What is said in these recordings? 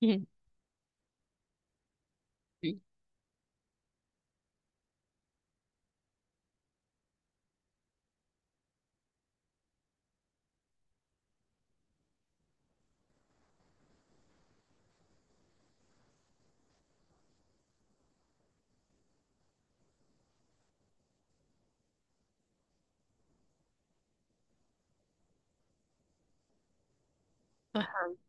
Ujú. Ajá.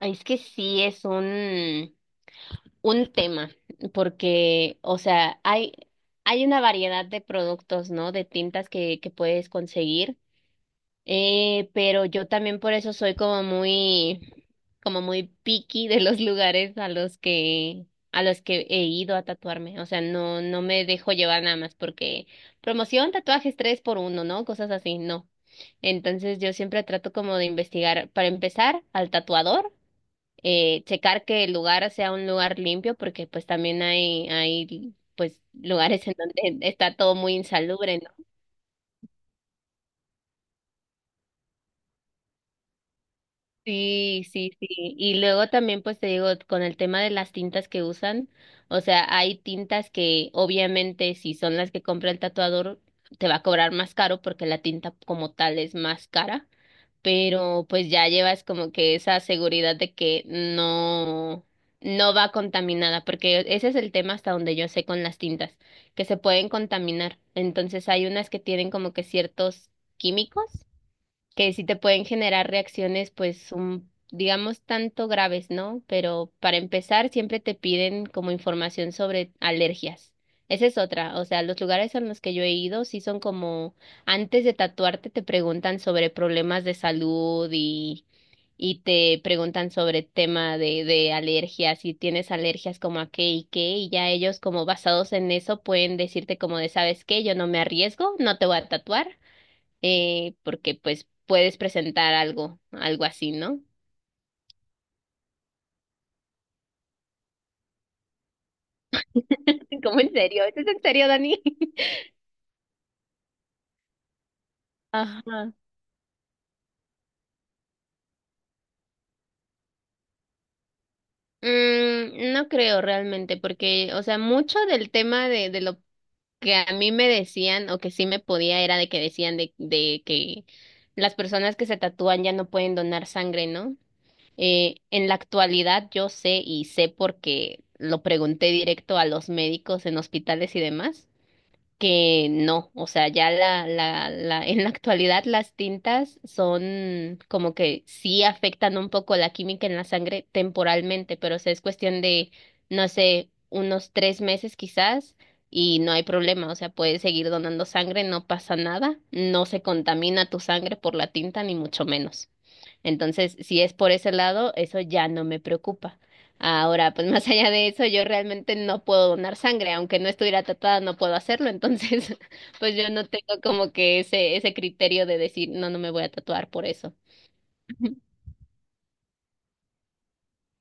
Es que sí es un tema, porque, o sea, hay una variedad de productos, ¿no? De tintas que puedes conseguir. Pero yo también por eso soy como como muy picky de los lugares a los a los que he ido a tatuarme. O sea, no me dejo llevar nada más porque promoción, tatuajes 3 por uno, ¿no? Cosas así, no. Entonces yo siempre trato como de investigar, para empezar, al tatuador, checar que el lugar sea un lugar limpio, porque pues también hay pues lugares en donde está todo muy insalubre, ¿no? Sí, sí, sí. Y luego también, pues te digo, con el tema de las tintas que usan, o sea, hay tintas que obviamente si son las que compra el tatuador, te va a cobrar más caro porque la tinta como tal es más cara, pero pues ya llevas como que esa seguridad de que no, no va contaminada, porque ese es el tema hasta donde yo sé con las tintas, que se pueden contaminar. Entonces hay unas que tienen como que ciertos químicos que sí te pueden generar reacciones, pues, un, digamos, tanto graves, ¿no? Pero para empezar, siempre te piden como información sobre alergias. Esa es otra, o sea, los lugares en los que yo he ido sí son como, antes de tatuarte te preguntan sobre problemas de salud y te preguntan sobre tema de alergias, si tienes alergias como a qué y qué, y ya ellos como basados en eso pueden decirte como de, ¿sabes qué? Yo no me arriesgo, no te voy a tatuar, porque pues puedes presentar algo, algo así, ¿no? ¿Cómo en serio? ¿Esto es en serio, Dani? Ajá. Mm, no creo realmente, porque, o sea, mucho del tema de lo que a mí me decían o que sí me podía era de que decían de que las personas que se tatúan ya no pueden donar sangre, ¿no? En la actualidad yo sé y sé porque lo pregunté directo a los médicos en hospitales y demás. Que no, o sea, ya la, en la actualidad las tintas son como que sí afectan un poco la química en la sangre temporalmente, pero o sea, es cuestión de, no sé, unos 3 meses quizás y no hay problema, o sea, puedes seguir donando sangre, no pasa nada, no se contamina tu sangre por la tinta ni mucho menos. Entonces, si es por ese lado, eso ya no me preocupa. Ahora, pues más allá de eso, yo realmente no puedo donar sangre, aunque no estuviera tratada, no puedo hacerlo. Entonces, pues yo no tengo como que ese criterio de decir, no, no me voy a tatuar por eso.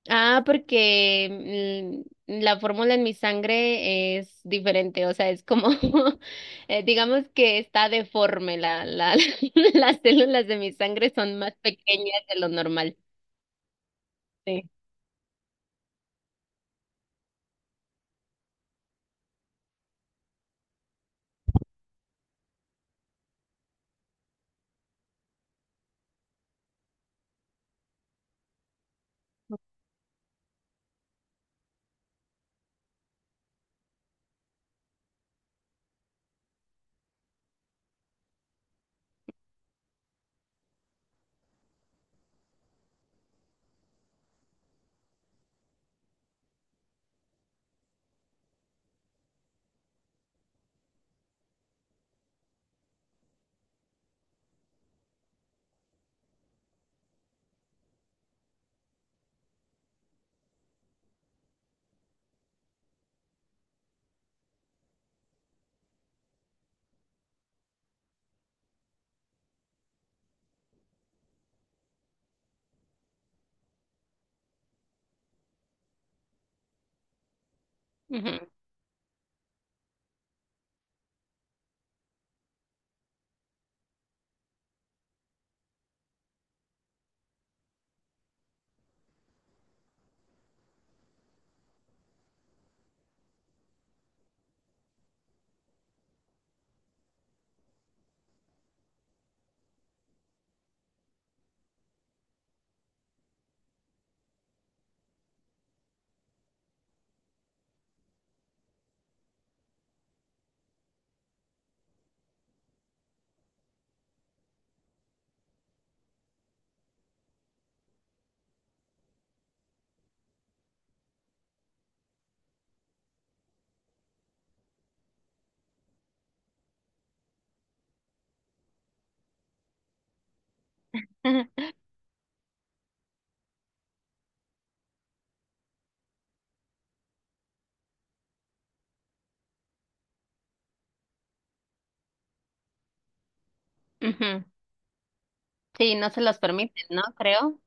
Ah, porque mm, la fórmula en mi sangre es diferente, o sea, es como, digamos que está deforme, las células de mi sangre son más pequeñas de lo normal. Sí. Ujú. Ujú. Sí, no se los permiten, ¿no? Creo.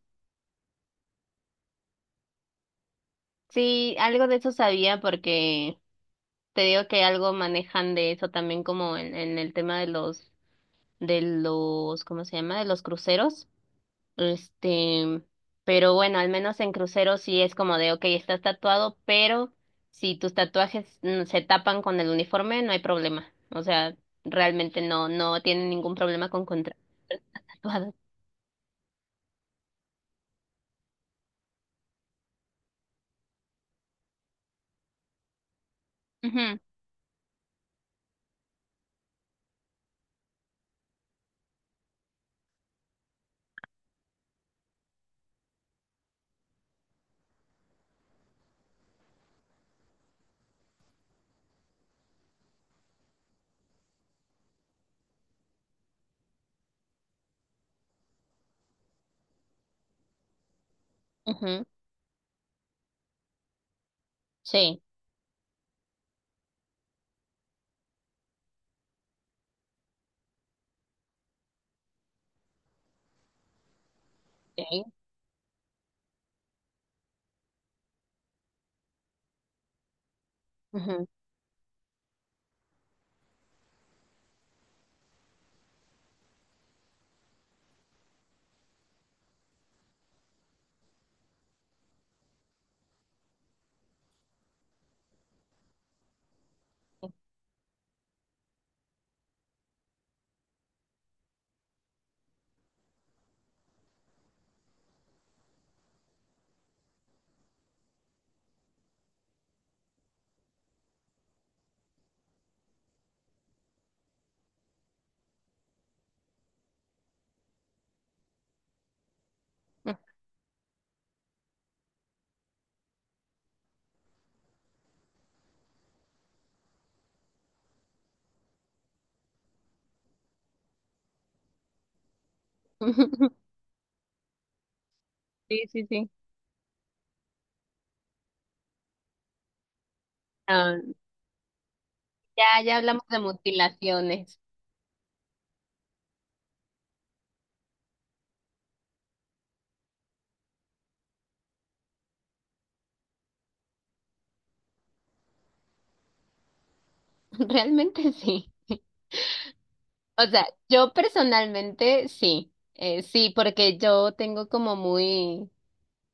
Sí, algo de eso sabía porque te digo que algo manejan de eso también como en el tema de los, ¿cómo se llama? De los cruceros. Este, pero bueno, al menos en cruceros sí es como de, ok, estás tatuado, pero si tus tatuajes mm, se tapan con el uniforme, no hay problema. O sea, realmente no, no tienen ningún problema con contratatuados. Ujú, ujú, sí. Ok, ujú. Sí, sí, sí. Ah, ya, ya hablamos de mutilaciones. Realmente sí. O sea, yo personalmente sí. Sí, porque yo tengo como muy...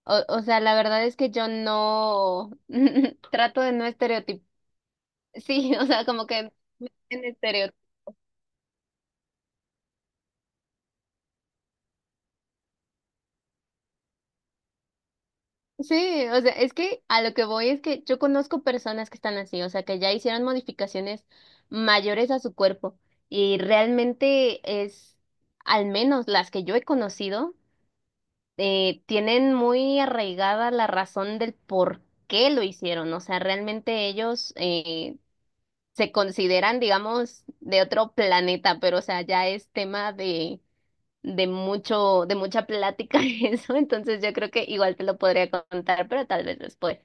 O sea, la verdad es que yo no... Trato de no estereotipar. Sí, o sea, como que... En estereotipos. Sí, o sea, es que a lo que voy es que yo conozco personas que están así, o sea, que ya hicieron modificaciones mayores a su cuerpo y realmente es, al menos las que yo he conocido, tienen muy arraigada la razón del por qué lo hicieron. O sea, realmente ellos se consideran, digamos, de otro planeta, pero o sea, ya es tema de mucho, de mucha plática eso. Entonces yo creo que igual te lo podría contar, pero tal vez después.